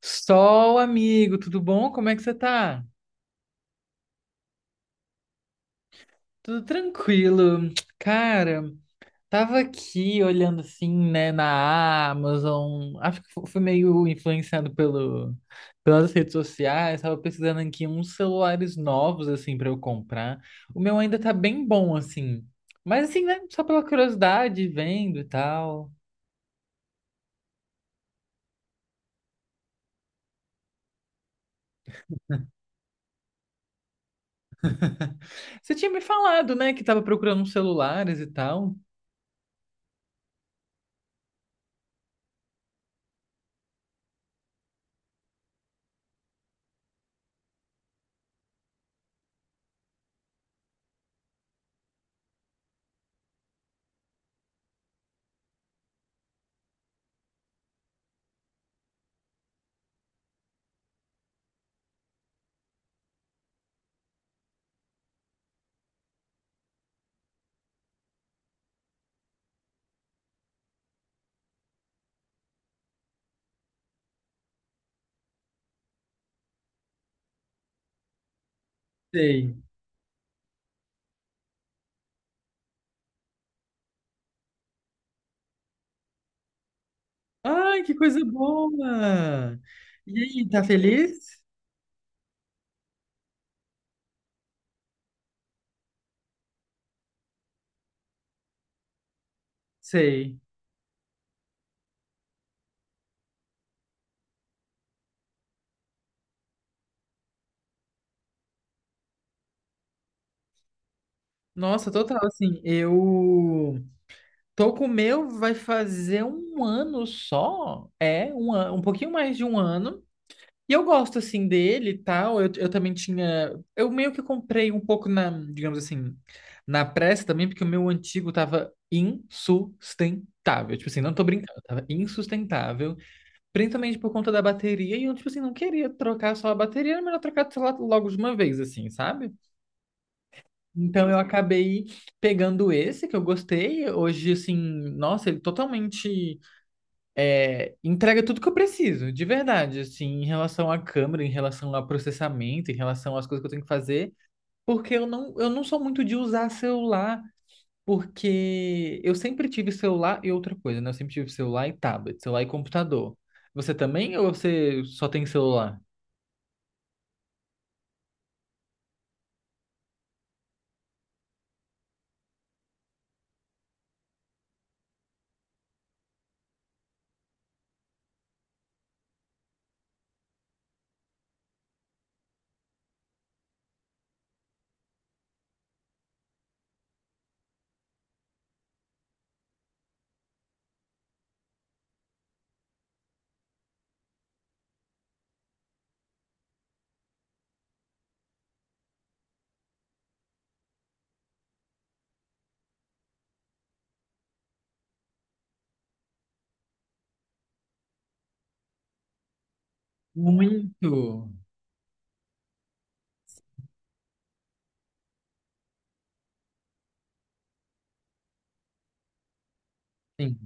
Sol, amigo, tudo bom? Como é que você tá? Tudo tranquilo. Cara, tava aqui olhando assim, né, na Amazon. Acho que fui meio influenciado pelas redes sociais. Tava pesquisando aqui uns celulares novos, assim, pra eu comprar. O meu ainda tá bem bom, assim. Mas assim, né, só pela curiosidade, vendo e tal. Você tinha me falado, né, que tava procurando uns celulares e tal. Sei. Ai, que coisa boa! E aí, tá feliz? Sei. Nossa, total, assim, eu tô com o meu, vai fazer um ano só, é, um pouquinho mais de um ano, e eu gosto, assim, dele e tal, eu também tinha, eu meio que comprei um pouco na, digamos assim, na pressa também, porque o meu antigo tava insustentável, tipo assim, não tô brincando, tava insustentável. Principalmente por conta da bateria, e eu, tipo assim, não queria trocar só a bateria, era melhor trocar, sei lá, logo de uma vez, assim, sabe? Então eu acabei pegando esse que eu gostei. Hoje, assim, nossa, ele totalmente é, entrega tudo que eu preciso, de verdade, assim, em relação à câmera, em relação ao processamento, em relação às coisas que eu tenho que fazer, porque eu não sou muito de usar celular. Porque eu sempre tive celular e outra coisa, né? Eu sempre tive celular e tablet, celular e computador. Você também ou você só tem celular? Muito. Sim.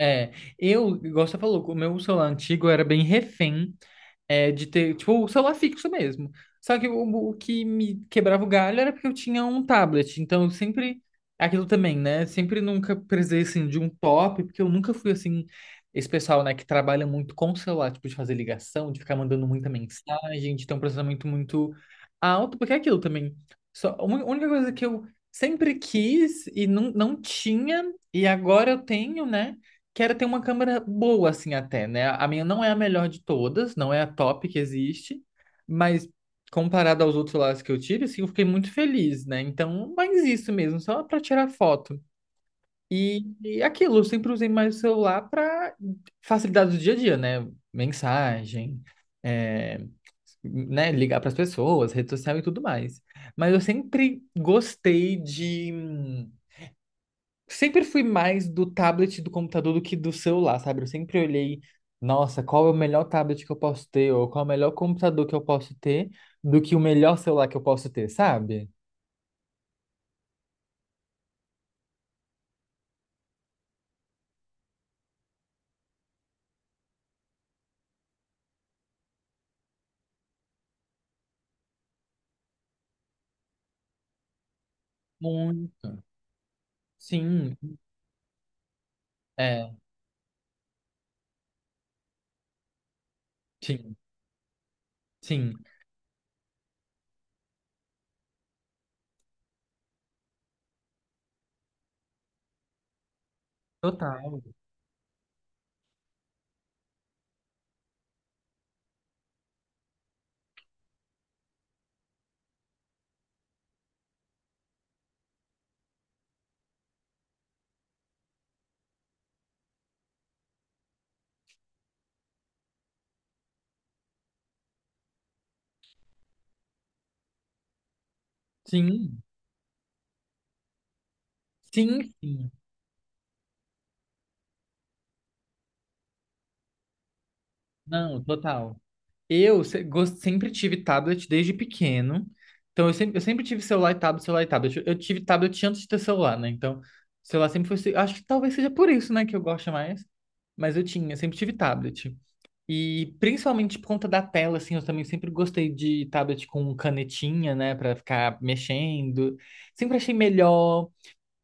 É, eu, igual você falou, o meu celular antigo era bem refém é, de ter, tipo, o celular fixo mesmo. Só que o que me quebrava o galho era porque eu tinha um tablet. Então, eu sempre. Aquilo também, né? Sempre nunca precisei, assim, de um top, porque eu nunca fui, assim, esse pessoal, né, que trabalha muito com o celular, tipo, de fazer ligação, de ficar mandando muita mensagem, de ter um processamento muito alto, porque é aquilo também. Só, a única coisa que eu sempre quis e não tinha, e agora eu tenho, né? que era ter uma câmera boa, assim, até, né? A minha não é a melhor de todas, não é a top que existe, mas comparado aos outros celulares que eu tive, assim, eu fiquei muito feliz, né? Então, mais isso mesmo, só para tirar foto. E aquilo, eu sempre usei mais o celular para facilidade do dia a dia, né? Mensagem, é, né? Ligar para as pessoas, rede social e tudo mais. Mas eu sempre gostei de sempre fui mais do tablet e do computador do que do celular, sabe? Eu sempre olhei, nossa, qual é o melhor tablet que eu posso ter, ou qual é o melhor computador que eu posso ter, do que o melhor celular que eu posso ter, sabe? Muito. Sim, é, sim, sim, total. Sim, sim, sim. Não, total. Eu se- gos- sempre tive tablet desde pequeno. Então, eu sempre tive celular e tablet, celular e tablet. Eu tive tablet antes de ter celular, né? Então, celular sempre foi. Acho que talvez seja por isso, né, que eu gosto mais. Mas eu tinha, eu sempre tive tablet. E principalmente por conta da tela, assim, eu também sempre gostei de tablet com canetinha, né, pra ficar mexendo. Sempre achei melhor.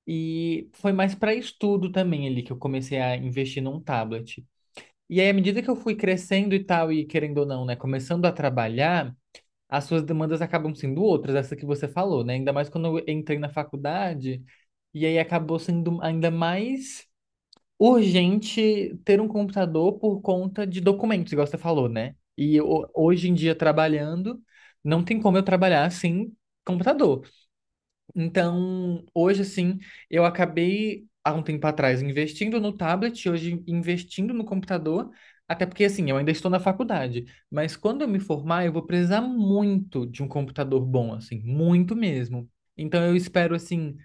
E foi mais para estudo também ali que eu comecei a investir num tablet. E aí, à medida que eu fui crescendo e tal, e querendo ou não, né, começando a trabalhar, as suas demandas acabam sendo outras, essa que você falou, né? Ainda mais quando eu entrei na faculdade, e aí acabou sendo ainda mais urgente ter um computador por conta de documentos, igual você falou, né? E hoje em dia, trabalhando, não tem como eu trabalhar sem computador. Então, hoje, assim, eu acabei, há um tempo atrás, investindo no tablet, hoje investindo no computador, até porque, assim, eu ainda estou na faculdade, mas quando eu me formar, eu vou precisar muito de um computador bom, assim, muito mesmo. Então, eu espero, assim,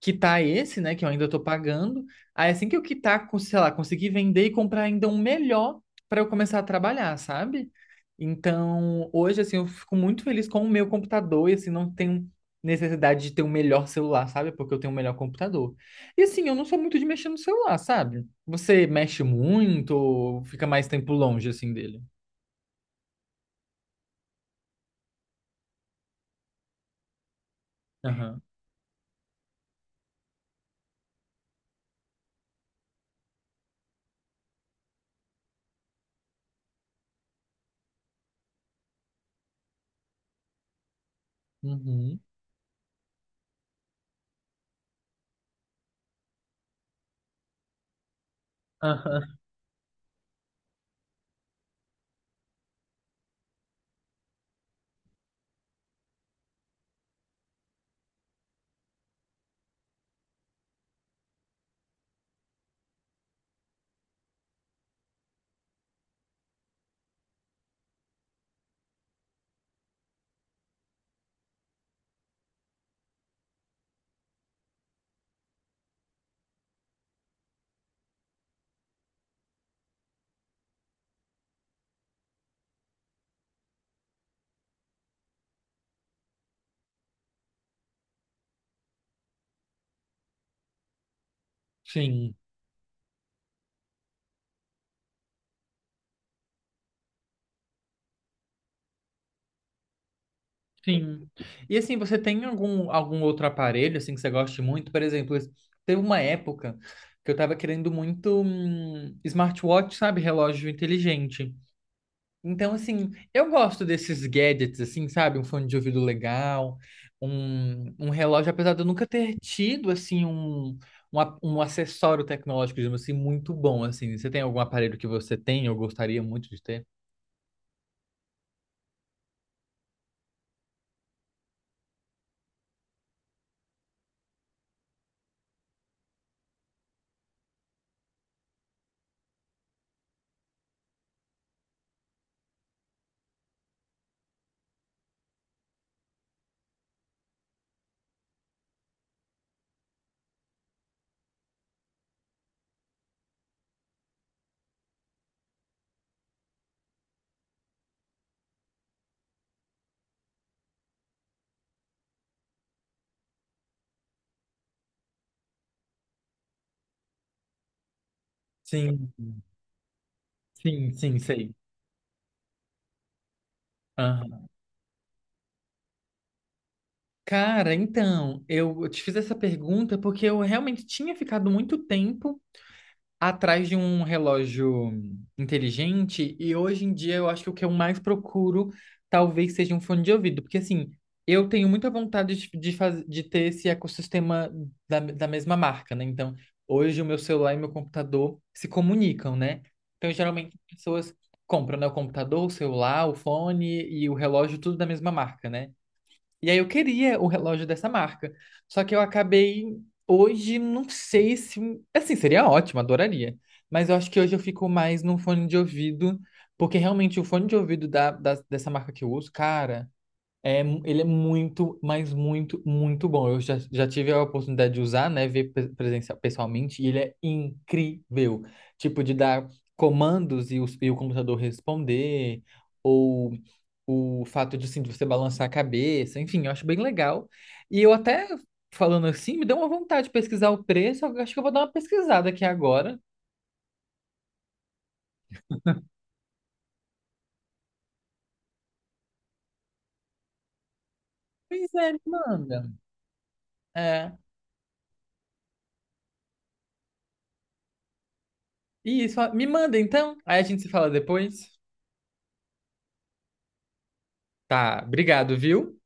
quitar esse, né, que eu ainda estou pagando. Aí assim que eu quitar, sei lá, conseguir vender e comprar ainda um melhor para eu começar a trabalhar, sabe? Então, hoje assim, eu fico muito feliz com o meu computador e assim não tenho necessidade de ter um melhor celular, sabe? Porque eu tenho um melhor computador. E assim, eu não sou muito de mexer no celular, sabe? Você mexe muito ou fica mais tempo longe assim dele? Aham. Uhum. Aham. Sim. Sim. E assim, você tem algum, algum outro aparelho assim que você goste muito? Por exemplo, teve uma época que eu tava querendo muito smartwatch, sabe? Relógio inteligente. Então, assim, eu gosto desses gadgets, assim, sabe? Um fone de ouvido legal, um relógio, apesar de eu nunca ter tido, assim, um acessório tecnológico, digamos assim, muito bom, assim. Você tem algum aparelho que você tem ou gostaria muito de ter? Sim, sim, sim, sei. Cara, então, eu te fiz essa pergunta porque eu realmente tinha ficado muito tempo atrás de um relógio inteligente e hoje em dia eu acho que o que eu mais procuro talvez seja um fone de ouvido, porque assim, eu tenho muita vontade de ter esse ecossistema da mesma marca, né? Então, hoje o meu celular e meu computador se comunicam, né? Então, geralmente as pessoas compram, né, o computador, o celular, o fone e o relógio, tudo da mesma marca, né? E aí eu queria o relógio dessa marca. Só que eu acabei hoje, não sei se. Assim, seria ótimo, adoraria. Mas eu acho que hoje eu fico mais num fone de ouvido, porque realmente o fone de ouvido dessa marca que eu uso, cara, é, ele é muito, mas muito, muito bom. Já tive a oportunidade de usar, né? Ver presencial, pessoalmente, e ele é incrível. Tipo, de dar comandos e e o computador responder. Ou o fato de, assim, de você balançar a cabeça, enfim, eu acho bem legal. E eu até, falando assim, me deu uma vontade de pesquisar o preço, eu acho que eu vou dar uma pesquisada aqui agora. Pois é, me manda. É, isso, me manda então, aí a gente se fala depois. Tá, obrigado, viu?